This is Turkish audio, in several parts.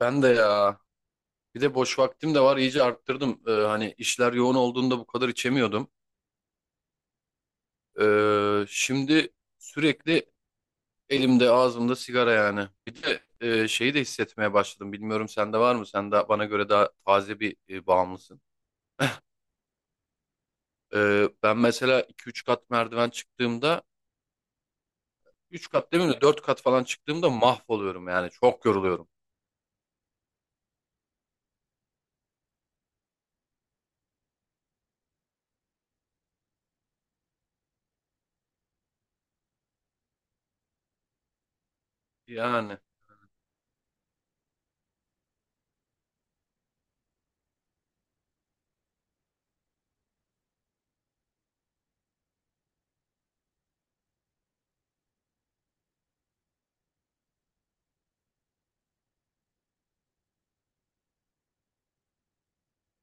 Ben de ya. Bir de boş vaktim de var. İyice arttırdım. Hani işler yoğun olduğunda bu kadar içemiyordum. Şimdi sürekli elimde ağzımda sigara yani. Bir de şeyi de hissetmeye başladım. Bilmiyorum sende var mı? Sen de bana göre daha taze bir bağımlısın. Ben mesela iki üç kat merdiven çıktığımda 3 kat değil mi? 4 kat falan çıktığımda mahvoluyorum yani. Çok yoruluyorum. Yani.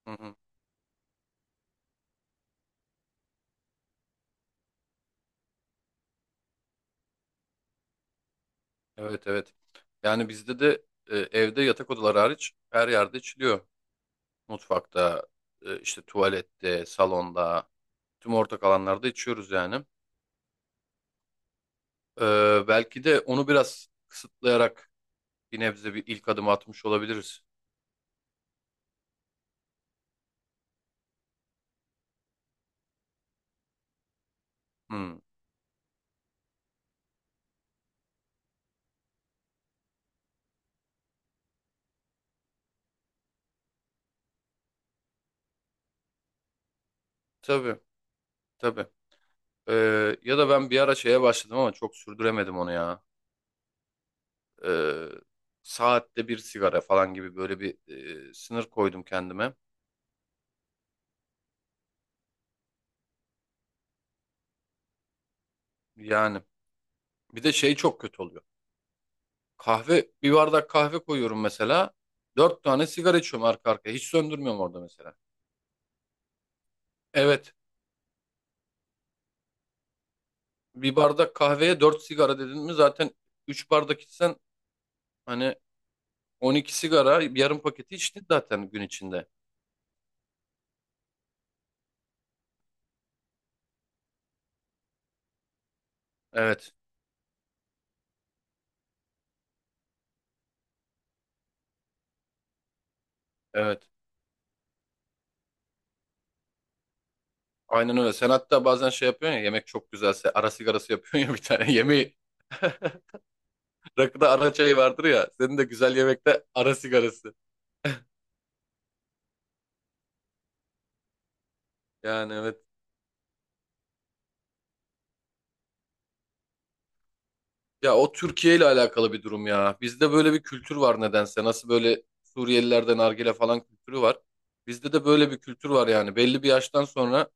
Hı hı. Evet, evet. Yani bizde de evde yatak odaları hariç her yerde içiliyor. Mutfakta, işte tuvalette, salonda, tüm ortak alanlarda içiyoruz yani. Belki de onu biraz kısıtlayarak bir nebze bir ilk adım atmış olabiliriz. Hmm. Tabii, tabii. Ya da ben bir ara şeye başladım ama çok sürdüremedim onu ya. Ee, Saatte bir sigara falan gibi böyle bir sınır koydum kendime. Yani bir de şey çok kötü oluyor. Kahve, bir bardak kahve koyuyorum mesela. Dört tane sigara içiyorum arka arkaya. Hiç söndürmüyorum orada mesela. Evet. Bir bardak kahveye 4 sigara dedin mi zaten 3 bardak içsen hani on iki sigara yarım paketi içtin zaten gün içinde. Evet, evet. Aynen öyle. Sen hatta bazen şey yapıyorsun ya yemek çok güzelse ara sigarası yapıyorsun ya bir tane yemeği. Rakıda ara çayı vardır ya. Senin de güzel yemekte ara sigarası. Yani evet. Ya o Türkiye ile alakalı bir durum ya. Bizde böyle bir kültür var nedense. Nasıl böyle Suriyelilerde nargile falan kültürü var. Bizde de böyle bir kültür var yani. Belli bir yaştan sonra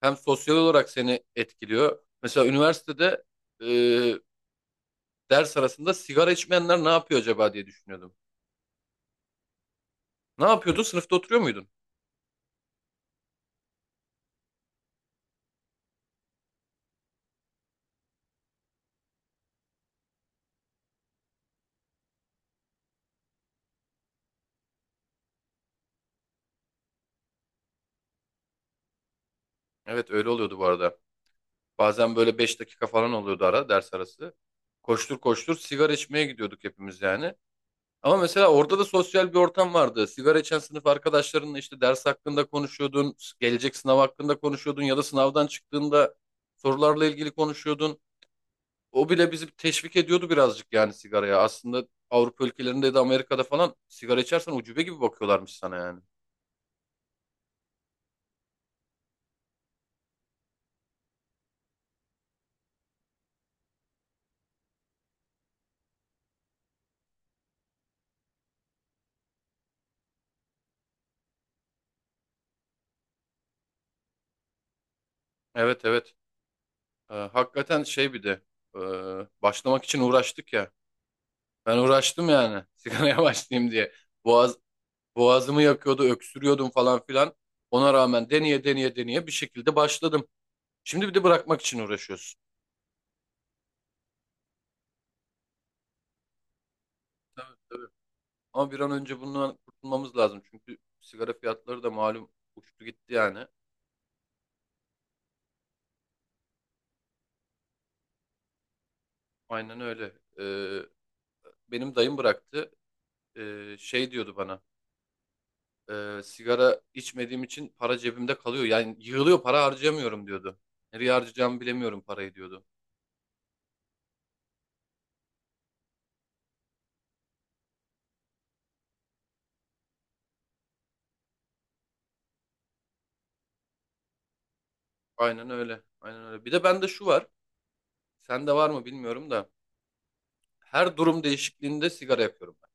hem sosyal olarak seni etkiliyor. Mesela üniversitede e, ders arasında sigara içmeyenler ne yapıyor acaba diye düşünüyordum. Ne yapıyordu? Sınıfta oturuyor muydun? Evet, öyle oluyordu bu arada. Bazen böyle 5 dakika falan oluyordu ara ders arası. Koştur koştur sigara içmeye gidiyorduk hepimiz yani. Ama mesela orada da sosyal bir ortam vardı. Sigara içen sınıf arkadaşlarınla işte ders hakkında konuşuyordun, gelecek sınav hakkında konuşuyordun ya da sınavdan çıktığında sorularla ilgili konuşuyordun. O bile bizi teşvik ediyordu birazcık yani sigaraya. Aslında Avrupa ülkelerinde de Amerika'da falan sigara içersen ucube gibi bakıyorlarmış sana yani. Evet, evet. Hakikaten şey bir de e, başlamak için uğraştık ya. Ben uğraştım yani sigaraya başlayayım diye. Boğaz, boğazımı yakıyordu, öksürüyordum falan filan. Ona rağmen deneye deneye deneye bir şekilde başladım. Şimdi bir de bırakmak için uğraşıyorsun. Tabii. Ama bir an önce bundan kurtulmamız lazım. Çünkü sigara fiyatları da malum uçtu gitti yani. Aynen öyle. Ee, Benim dayım bıraktı. Şey diyordu bana. Sigara içmediğim için para cebimde kalıyor. Yani yığılıyor para harcayamıyorum diyordu. Nereye harcayacağımı bilemiyorum parayı diyordu. Aynen öyle. Aynen öyle. Bir de bende şu var. Sende var mı bilmiyorum da. Her durum değişikliğinde sigara yapıyorum ben.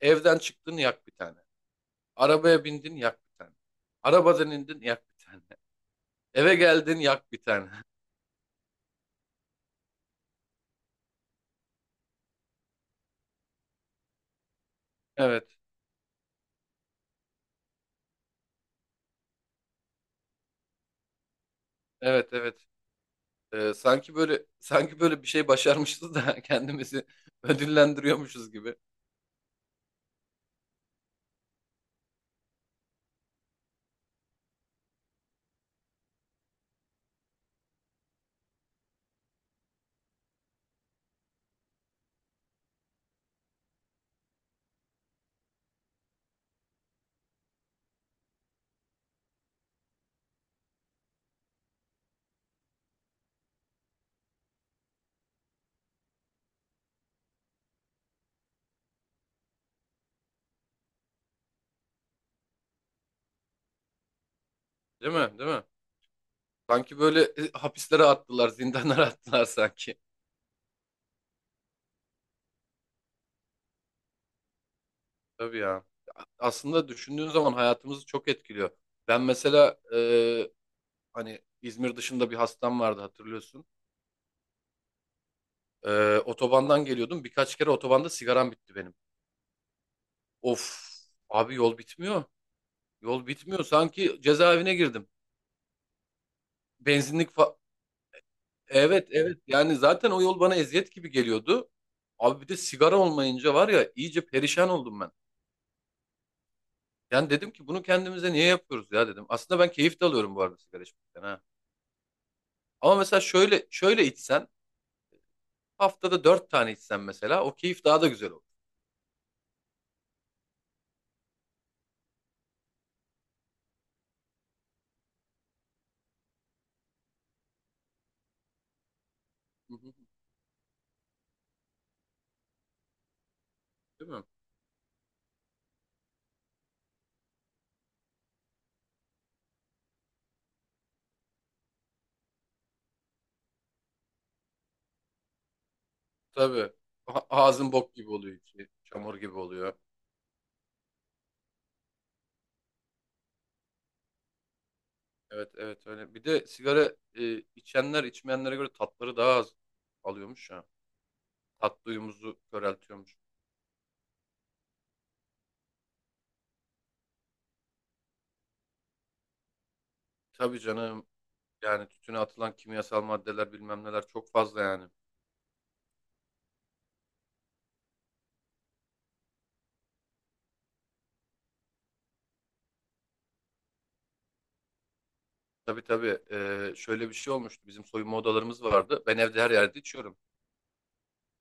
Evden çıktın yak bir tane. Arabaya bindin yak bir tane. Arabadan indin yak bir tane. Eve geldin yak bir tane. Evet. Evet, evet. Sanki böyle bir şey başarmışız da kendimizi ödüllendiriyormuşuz gibi. Değil mi? Değil mi? Sanki böyle hapislere attılar, zindanlara attılar sanki. Tabii ya. Aslında düşündüğün zaman hayatımızı çok etkiliyor. Ben mesela hani İzmir dışında bir hastam vardı hatırlıyorsun. E, otobandan geliyordum. Birkaç kere otobanda sigaram bitti benim. Of, abi yol bitmiyor. Yol bitmiyor. Sanki cezaevine girdim. Benzinlik fa- Evet, evet, yani zaten o yol bana eziyet gibi geliyordu. Abi bir de sigara olmayınca var ya iyice perişan oldum ben. Yani dedim ki bunu kendimize niye yapıyoruz ya dedim. Aslında ben keyif de alıyorum bu arada sigara içmekten ha. Ama mesela şöyle içsen haftada dört tane içsen mesela o keyif daha da güzel olur. Hı hı. Değil mi? Tabii. A- ağzın bok gibi oluyor içi. Çamur gibi oluyor. Evet, evet, öyle. Bir de sigara içenler içmeyenlere göre tatları daha az alıyormuş ya. Tat duyumuzu köreltiyormuş. Tabii canım. Yani tütüne atılan kimyasal maddeler bilmem neler çok fazla yani. Tabii, tabii. Şöyle bir şey olmuştu. Bizim soyunma odalarımız vardı. Ben evde her yerde içiyorum.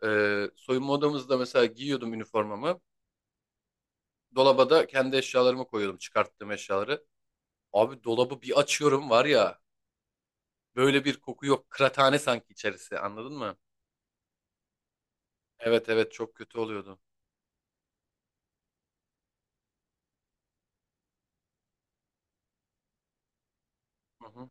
Soyunma odamızda mesela giyiyordum üniformamı. Dolaba da kendi eşyalarımı koyuyordum. Çıkarttığım eşyaları. Abi dolabı bir açıyorum var ya. Böyle bir koku yok. Kıraathane sanki içerisi. Anladın mı? Evet, evet, çok kötü oluyordu. Hı hı.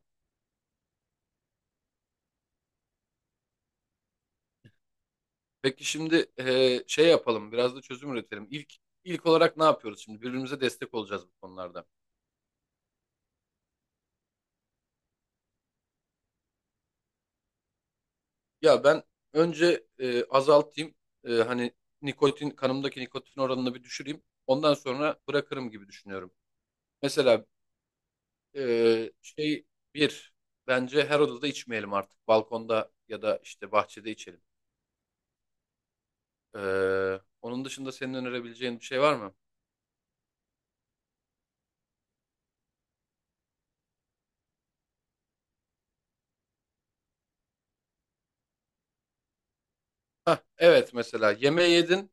Peki şimdi şey yapalım. Biraz da çözüm üretelim. İlk olarak ne yapıyoruz şimdi? Birbirimize destek olacağız bu konularda. Ya ben önce azaltayım. E, hani kanımdaki nikotin oranını bir düşüreyim. Ondan sonra bırakırım gibi düşünüyorum. Mesela e, şey bir bence her odada içmeyelim artık. Balkonda ya da işte bahçede içelim. E, Onun dışında senin önerebileceğin bir şey var mı? Hah, evet, mesela yemeği yedin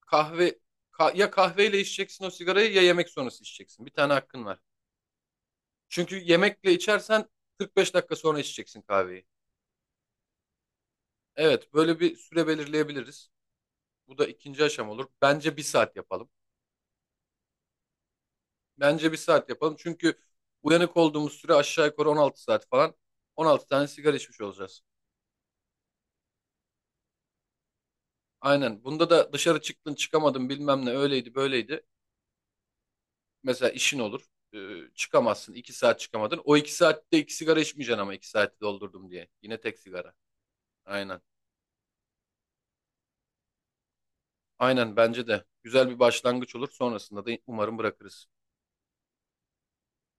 kahve ya kahveyle içeceksin o sigarayı ya yemek sonrası içeceksin. Bir tane hakkın var. Çünkü yemekle içersen 45 dakika sonra içeceksin kahveyi. Evet, böyle bir süre belirleyebiliriz. Bu da ikinci aşama olur. Bence bir saat yapalım. Bence bir saat yapalım. Çünkü uyanık olduğumuz süre aşağı yukarı 16 saat falan. 16 tane sigara içmiş olacağız. Aynen. Bunda da dışarı çıktın çıkamadın bilmem ne öyleydi böyleydi. Mesela işin olur. Ee, çıkamazsın. 2 saat çıkamadın. O 2 saatte 2 sigara içmeyeceksin ama 2 saati doldurdum diye. Yine tek sigara. Aynen. Aynen bence de. Güzel bir başlangıç olur. Sonrasında da umarım bırakırız.